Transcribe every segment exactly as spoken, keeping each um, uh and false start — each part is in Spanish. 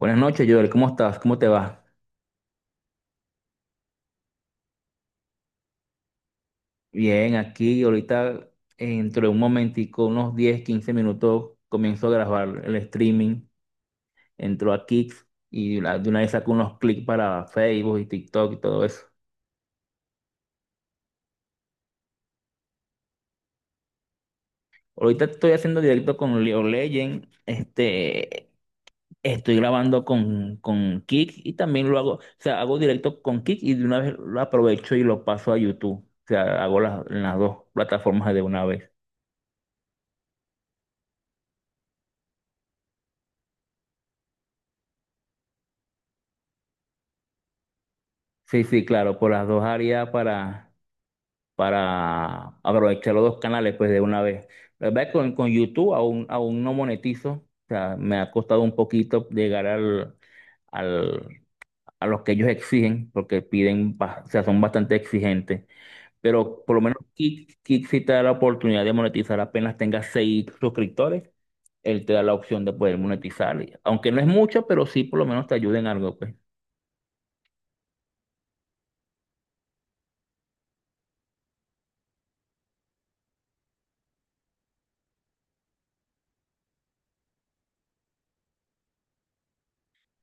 Buenas noches, Joel. ¿Cómo estás? ¿Cómo te va? Bien, aquí ahorita dentro de un momentico, unos diez, quince minutos, comienzo a grabar el streaming. Entro a Kick y la- de una vez saco unos clics para Facebook y TikTok y todo eso. Ahorita estoy haciendo directo con Leo Legend. Este, estoy grabando con, con Kick y también lo hago, o sea, hago directo con Kick y de una vez lo aprovecho y lo paso a YouTube. O sea, hago las, las dos plataformas de una vez. Sí, sí, claro, por las dos áreas para para aprovechar los dos canales pues de una vez. La verdad es que con, con YouTube aún, aún no monetizo, o sea, me ha costado un poquito llegar al, al, a los que ellos exigen, porque piden, ba- o sea, son bastante exigentes, pero por lo menos Kick, Kick sí te da la oportunidad de monetizar apenas tengas seis suscriptores, él te da la opción de poder monetizar, y- aunque no es mucho, pero sí por lo menos te ayuda en algo, pues.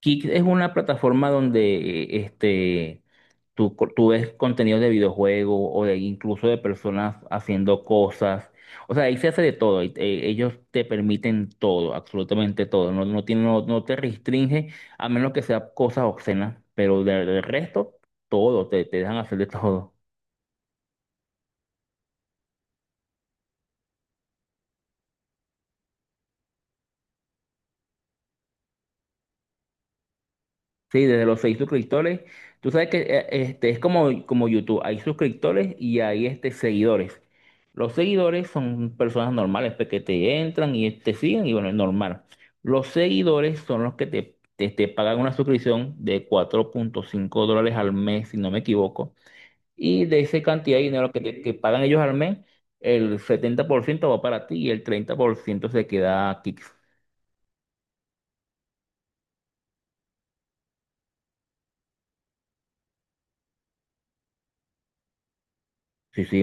Kick es una plataforma donde eh, este Tú, co- tú ves contenidos de videojuegos o de incluso de personas haciendo cosas. O sea, ahí se hace de todo. Y, eh, ellos te permiten todo, absolutamente todo. No, no, tiene- no, no te restringe a menos que sea cosas obscenas, pero de- del resto, todo, te, te dejan hacer de todo. Sí, desde los seis suscriptores. Tú sabes que eh, este, es como, como YouTube. Hay suscriptores y hay este, seguidores. Los seguidores son personas normales pues, que te entran y te siguen y bueno, es normal. Los seguidores son los que te, te, te pagan una suscripción de cuatro punto cinco dólares al mes, si no me equivoco. Y de esa cantidad de dinero que, te- que pagan ellos al mes, el setenta por ciento va para ti y el treinta por ciento se queda aquí. Sí, sí,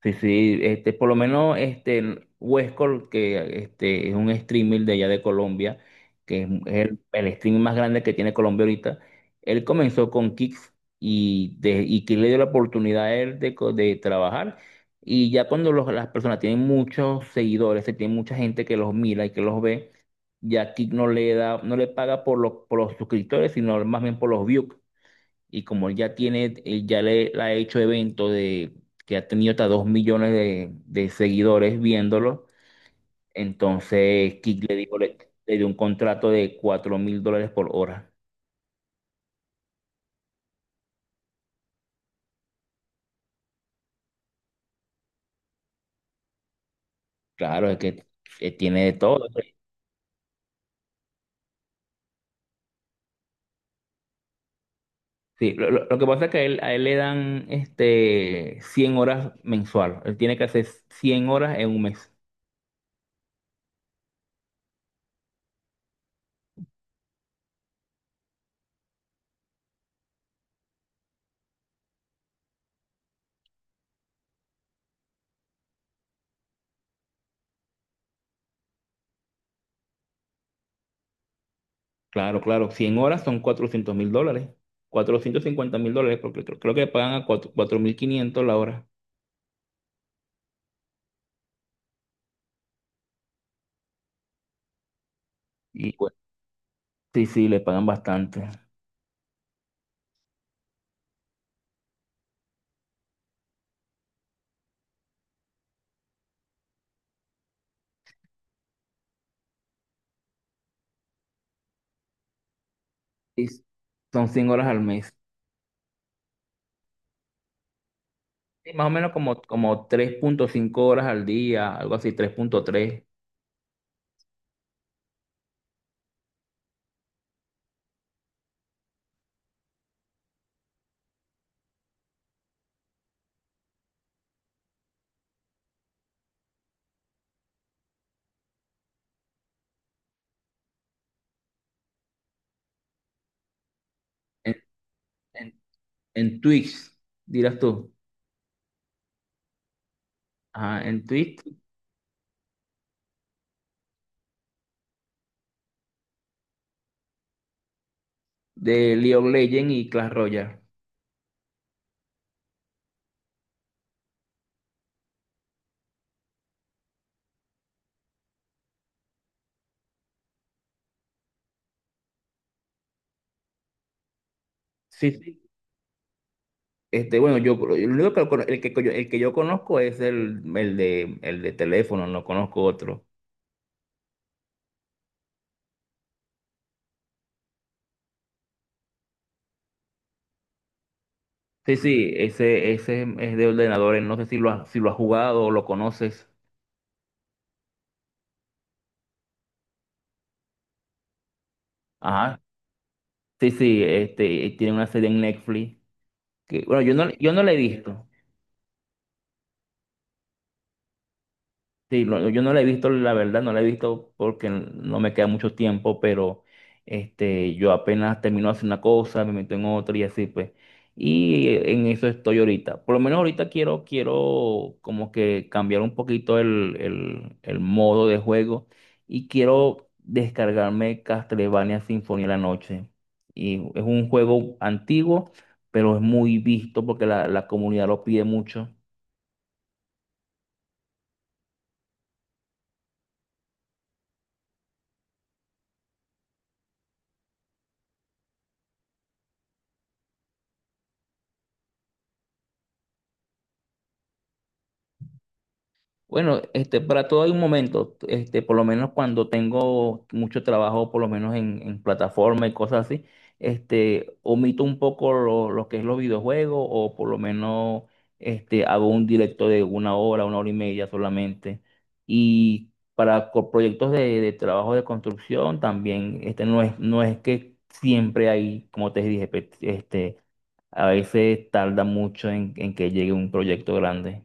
sí, sí, este, por lo menos este el Huescol, que este, es un streamer de allá de Colombia, que es el, el streamer más grande que tiene Colombia ahorita, él comenzó con Kicks y, de, y Kix le dio la oportunidad a él de, co- de trabajar. Y ya cuando los- las personas tienen muchos seguidores, se tiene mucha gente que los mira y que los ve, ya Kix no le da, no le paga por los, por los suscriptores, sino más bien por los views. Y como él ya tiene, él ya le, le ha hecho eventos de que ha tenido hasta dos millones de, de seguidores viéndolo, entonces Kick le dijo, le, le dio un contrato de cuatro mil dólares por hora. Claro, es que eh, tiene de todo. Sí, lo, lo- lo que pasa es que a él, a él le dan este cien horas mensual. Él tiene que hacer cien horas en un mes. Claro, claro, cien horas son cuatrocientos mil dólares. Cuatrocientos cincuenta mil dólares, porque creo, creo que pagan a cuatro- mil quinientos la hora. Sí, sí, le pagan bastante. Y son cinco horas al mes. Sí, más o menos como, como tres punto cinco horas al día, algo así, tres punto tres. En, en, en Twitch, dirás tú. Ajá, en Twitch de League of Legends y Clash Royale. Sí, sí. Este, bueno, yo el único que, lo cono- el que, yo- el que yo conozco es el, el de, el de teléfono, no conozco otro. Sí, sí, ese, ese es de ordenadores, no sé si lo has, si lo has jugado o lo conoces. Ajá. Sí, sí, este, tiene una serie en Netflix. Que, bueno, yo no, yo no la he visto. Sí, lo- yo no la he visto, la verdad, no la he visto porque no me queda mucho tiempo, pero este, yo apenas termino de hacer una cosa, me meto en otra y así pues. Y eh, en eso estoy ahorita. Por lo menos ahorita quiero, quiero como que cambiar un poquito el, el, el modo de juego y quiero descargarme Castlevania Sinfonía de la Noche. Y es un juego antiguo, pero es muy visto porque la, la comunidad lo pide mucho. Bueno, este, para todo hay un momento, este, por lo menos cuando tengo mucho trabajo, por lo menos en, en plataforma y cosas así, este, omito un poco lo, lo que es los videojuegos, o por lo menos este, hago un directo de una hora, una hora y media solamente. Y para co- proyectos de, de trabajo de construcción también, este, no es, no es que siempre hay, como te dije, pe- este, a veces tarda mucho en en que llegue un proyecto grande.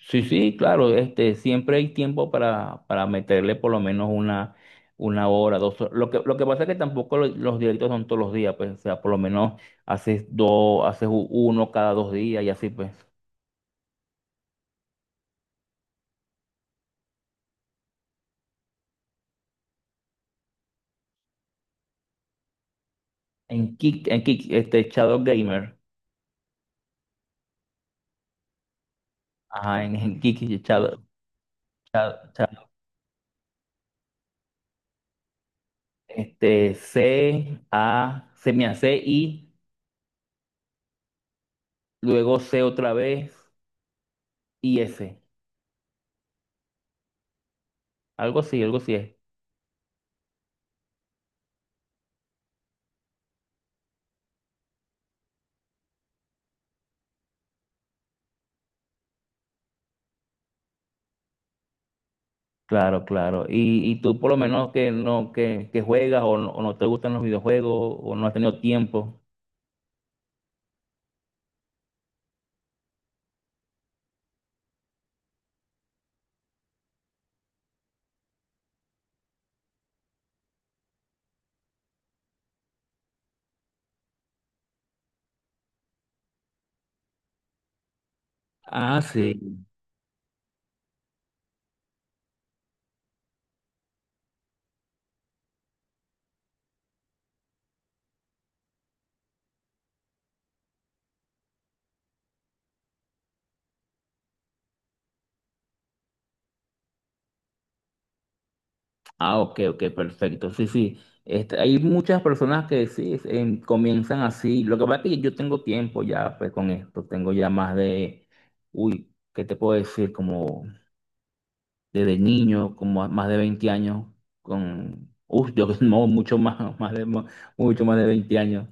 Sí, sí, claro, este, siempre hay tiempo para, para meterle por lo menos una, una hora, dos horas. Lo que, lo que pasa es que tampoco lo- los directos son todos los días, pues, o sea, por lo menos haces dos, haces u- uno cada dos días y así, pues. En Kick, en Kick, este, Shadow Gamer, ajá, en, en Kick, Shadow, Shadow- Shadow, este, C, A, se me hace I, luego C otra vez y S, algo así, algo así es. Claro, claro. Y, y tú por lo menos que no que, que juegas o no, o no te gustan los videojuegos o no has tenido tiempo. Ah, sí. Ah, ok, ok, perfecto. Sí, sí. Este, hay muchas personas que sí es- em, comienzan así. Lo que pasa es que yo tengo tiempo ya pues con esto. Tengo ya más de, uy, ¿qué te puedo decir? Como desde niño, como a- más de veinte años con, uy, yo no, mucho más, más de, mucho más de veinte años.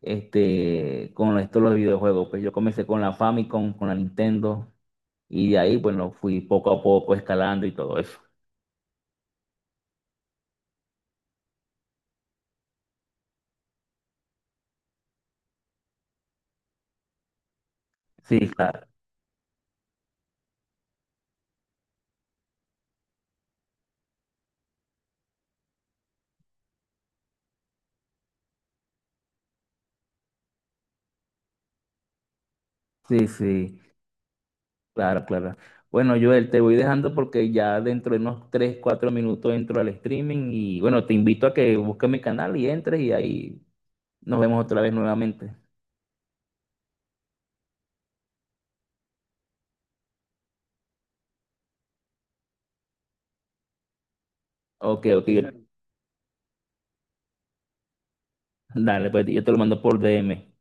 este, con esto los videojuegos. Pues yo comencé con la Famicom, con la Nintendo, y de ahí, bueno, fui poco a poco escalando y todo eso. Sí, claro, sí, sí, claro, claro. Bueno, Joel, te voy dejando porque ya dentro de unos tres cuatro minutos entro al streaming y bueno, te invito a que busques mi canal y entres y ahí nos vemos otra vez nuevamente. Ok, ok. Dale, pues yo te lo mando por D M.